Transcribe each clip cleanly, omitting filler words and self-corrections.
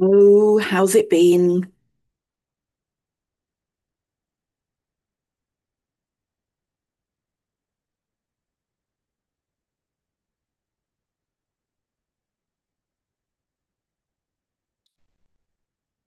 Oh, how's it been?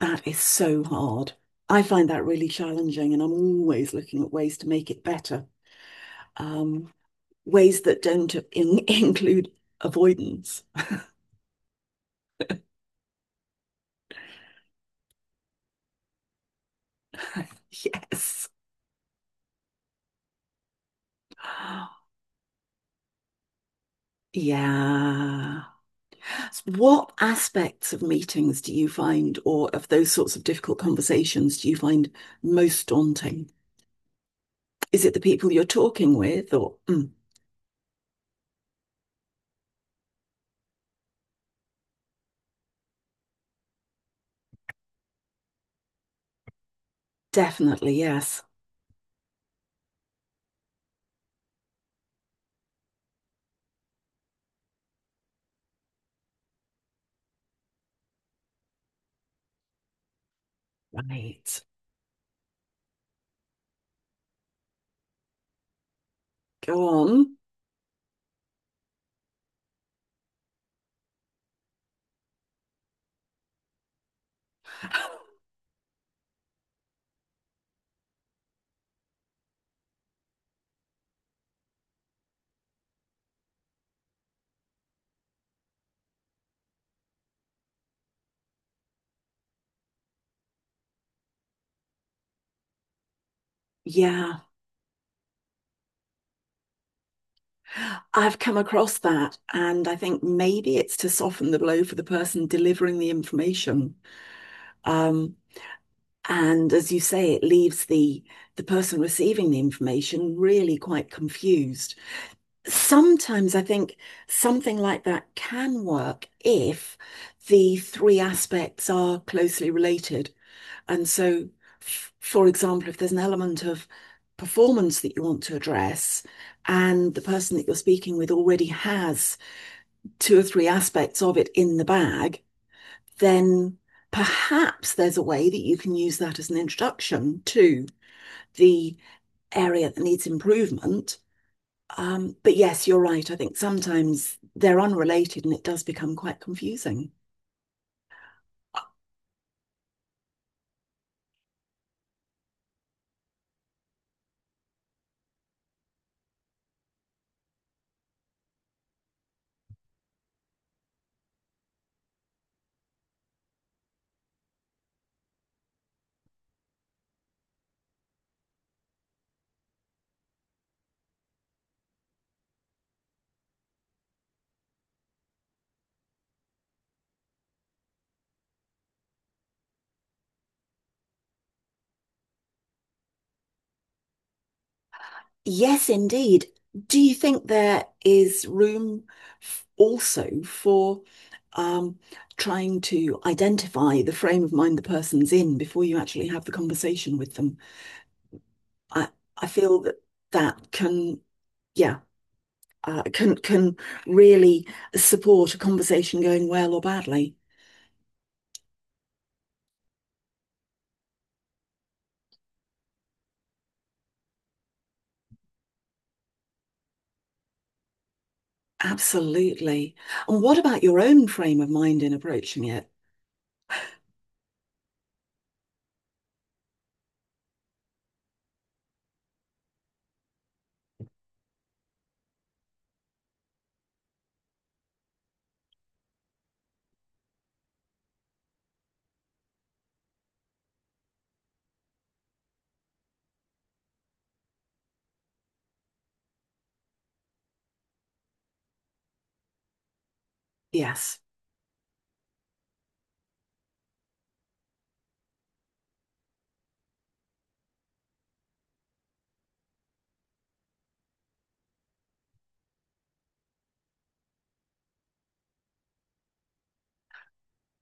That is so hard. I find that really challenging, and I'm always looking at ways to make it better, um, ways that don't in include avoidance. Yes. Yeah. What aspects of meetings do you find, or of those sorts of difficult conversations, do you find most daunting? Is it the people you're talking with, or Mm, definitely, yes. Right. Go on. Yeah. I've come across that, and I think maybe it's to soften the blow for the person delivering the information. Um, and as you say, it leaves the person receiving the information really quite confused. Sometimes I think something like that can work if the three aspects are closely related. And so, f for example, if there's an element of performance that you want to address, and the person that you're speaking with already has two or three aspects of it in the bag, then perhaps there's a way that you can use that as an introduction to the area that needs improvement. But yes, you're right. I think sometimes they're unrelated and it does become quite confusing. Yes, indeed. Do you think there is room also for um, trying to identify the frame of mind the person's in before you actually have the conversation with them? I, I feel that that can, yeah, can really support a conversation going well or badly. Absolutely. And what about your own frame of mind in approaching it? Yes,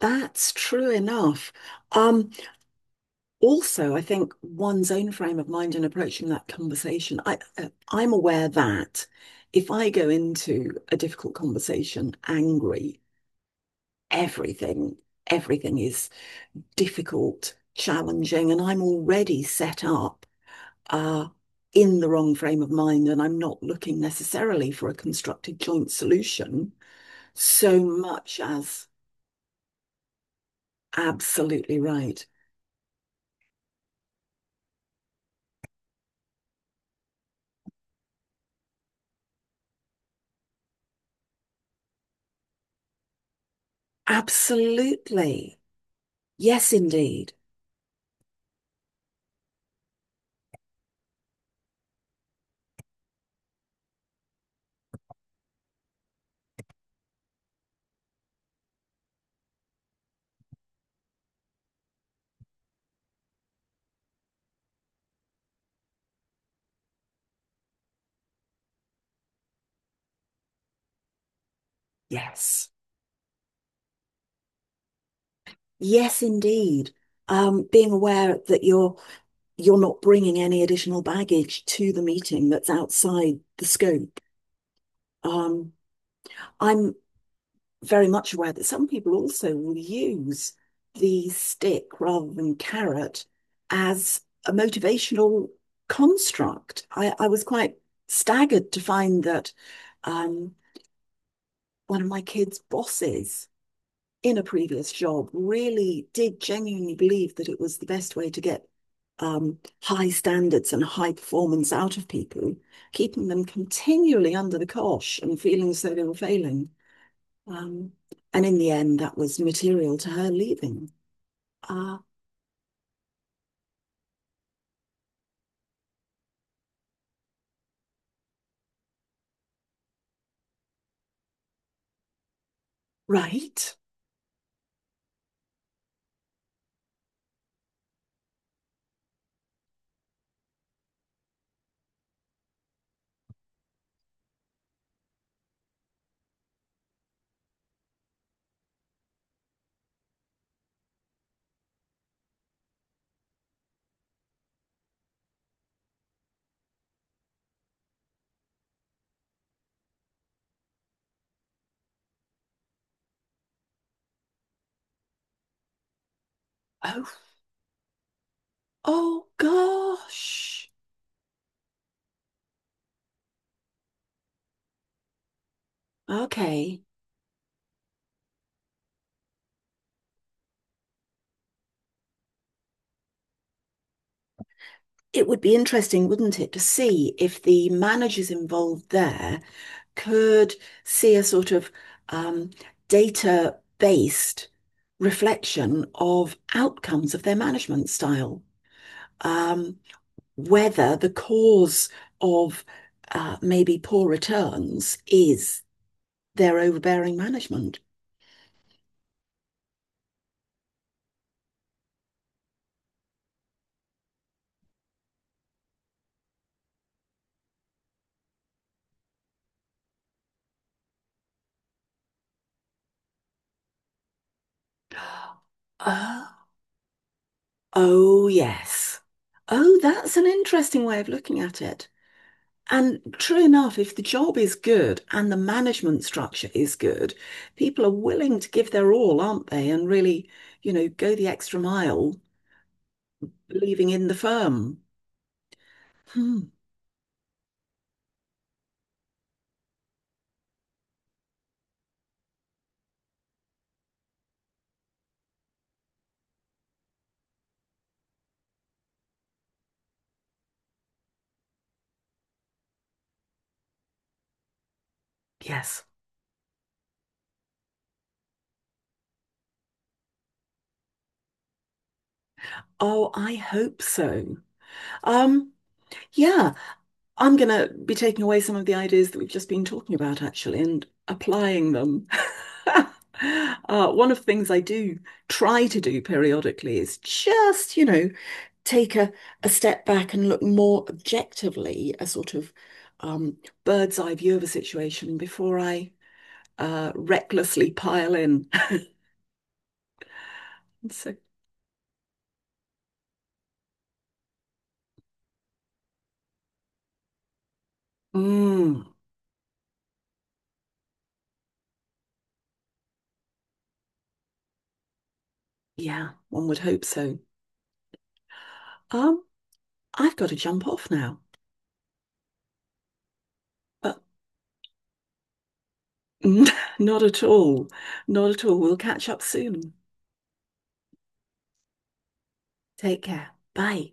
that's true enough. Um, Also, I think one's own frame of mind in approaching that conversation. I'm aware that if I go into a difficult conversation angry, everything, everything is difficult, challenging, and I'm already set up uh, in the wrong frame of mind, and I'm not looking necessarily for a constructive joint solution so much as absolutely right. Absolutely. Yes, indeed. Yes. Yes, indeed. Being aware that you're not bringing any additional baggage to the meeting that's outside the scope. Um, I'm very much aware that some people also will use the stick rather than carrot as a motivational construct. I was quite staggered to find that um, one of my kids' bosses in a previous job really did genuinely believe that it was the best way to get high standards and high performance out of people, keeping them continually under the cosh and feeling as though they were failing. Um, and in the end, that was material to her leaving. Uh, right. Oh, oh gosh. Okay. It would be interesting, wouldn't it, to see if the managers involved there could see a sort of um, data based reflection of outcomes of their management style. Um, Whether the cause of maybe poor returns is their overbearing management. Oh, oh yes. Oh, that's an interesting way of looking at it. And true enough, if the job is good and the management structure is good, people are willing to give their all, aren't they? And really, you know, go the extra mile, believing in the firm. Hmm. Yes. Oh, I hope so. Um, yeah. I'm going to be taking away some of the ideas that we've just been talking about, actually, and applying them. One of the things I do try to do periodically is just, you know, take a, a step back and look more objectively, a sort of um, bird's eye view of a situation before I recklessly pile in. So, mm, yeah, one would hope so. Um, I've got to jump off now, but not at all. Not at all. We'll catch up soon. Take care. Bye.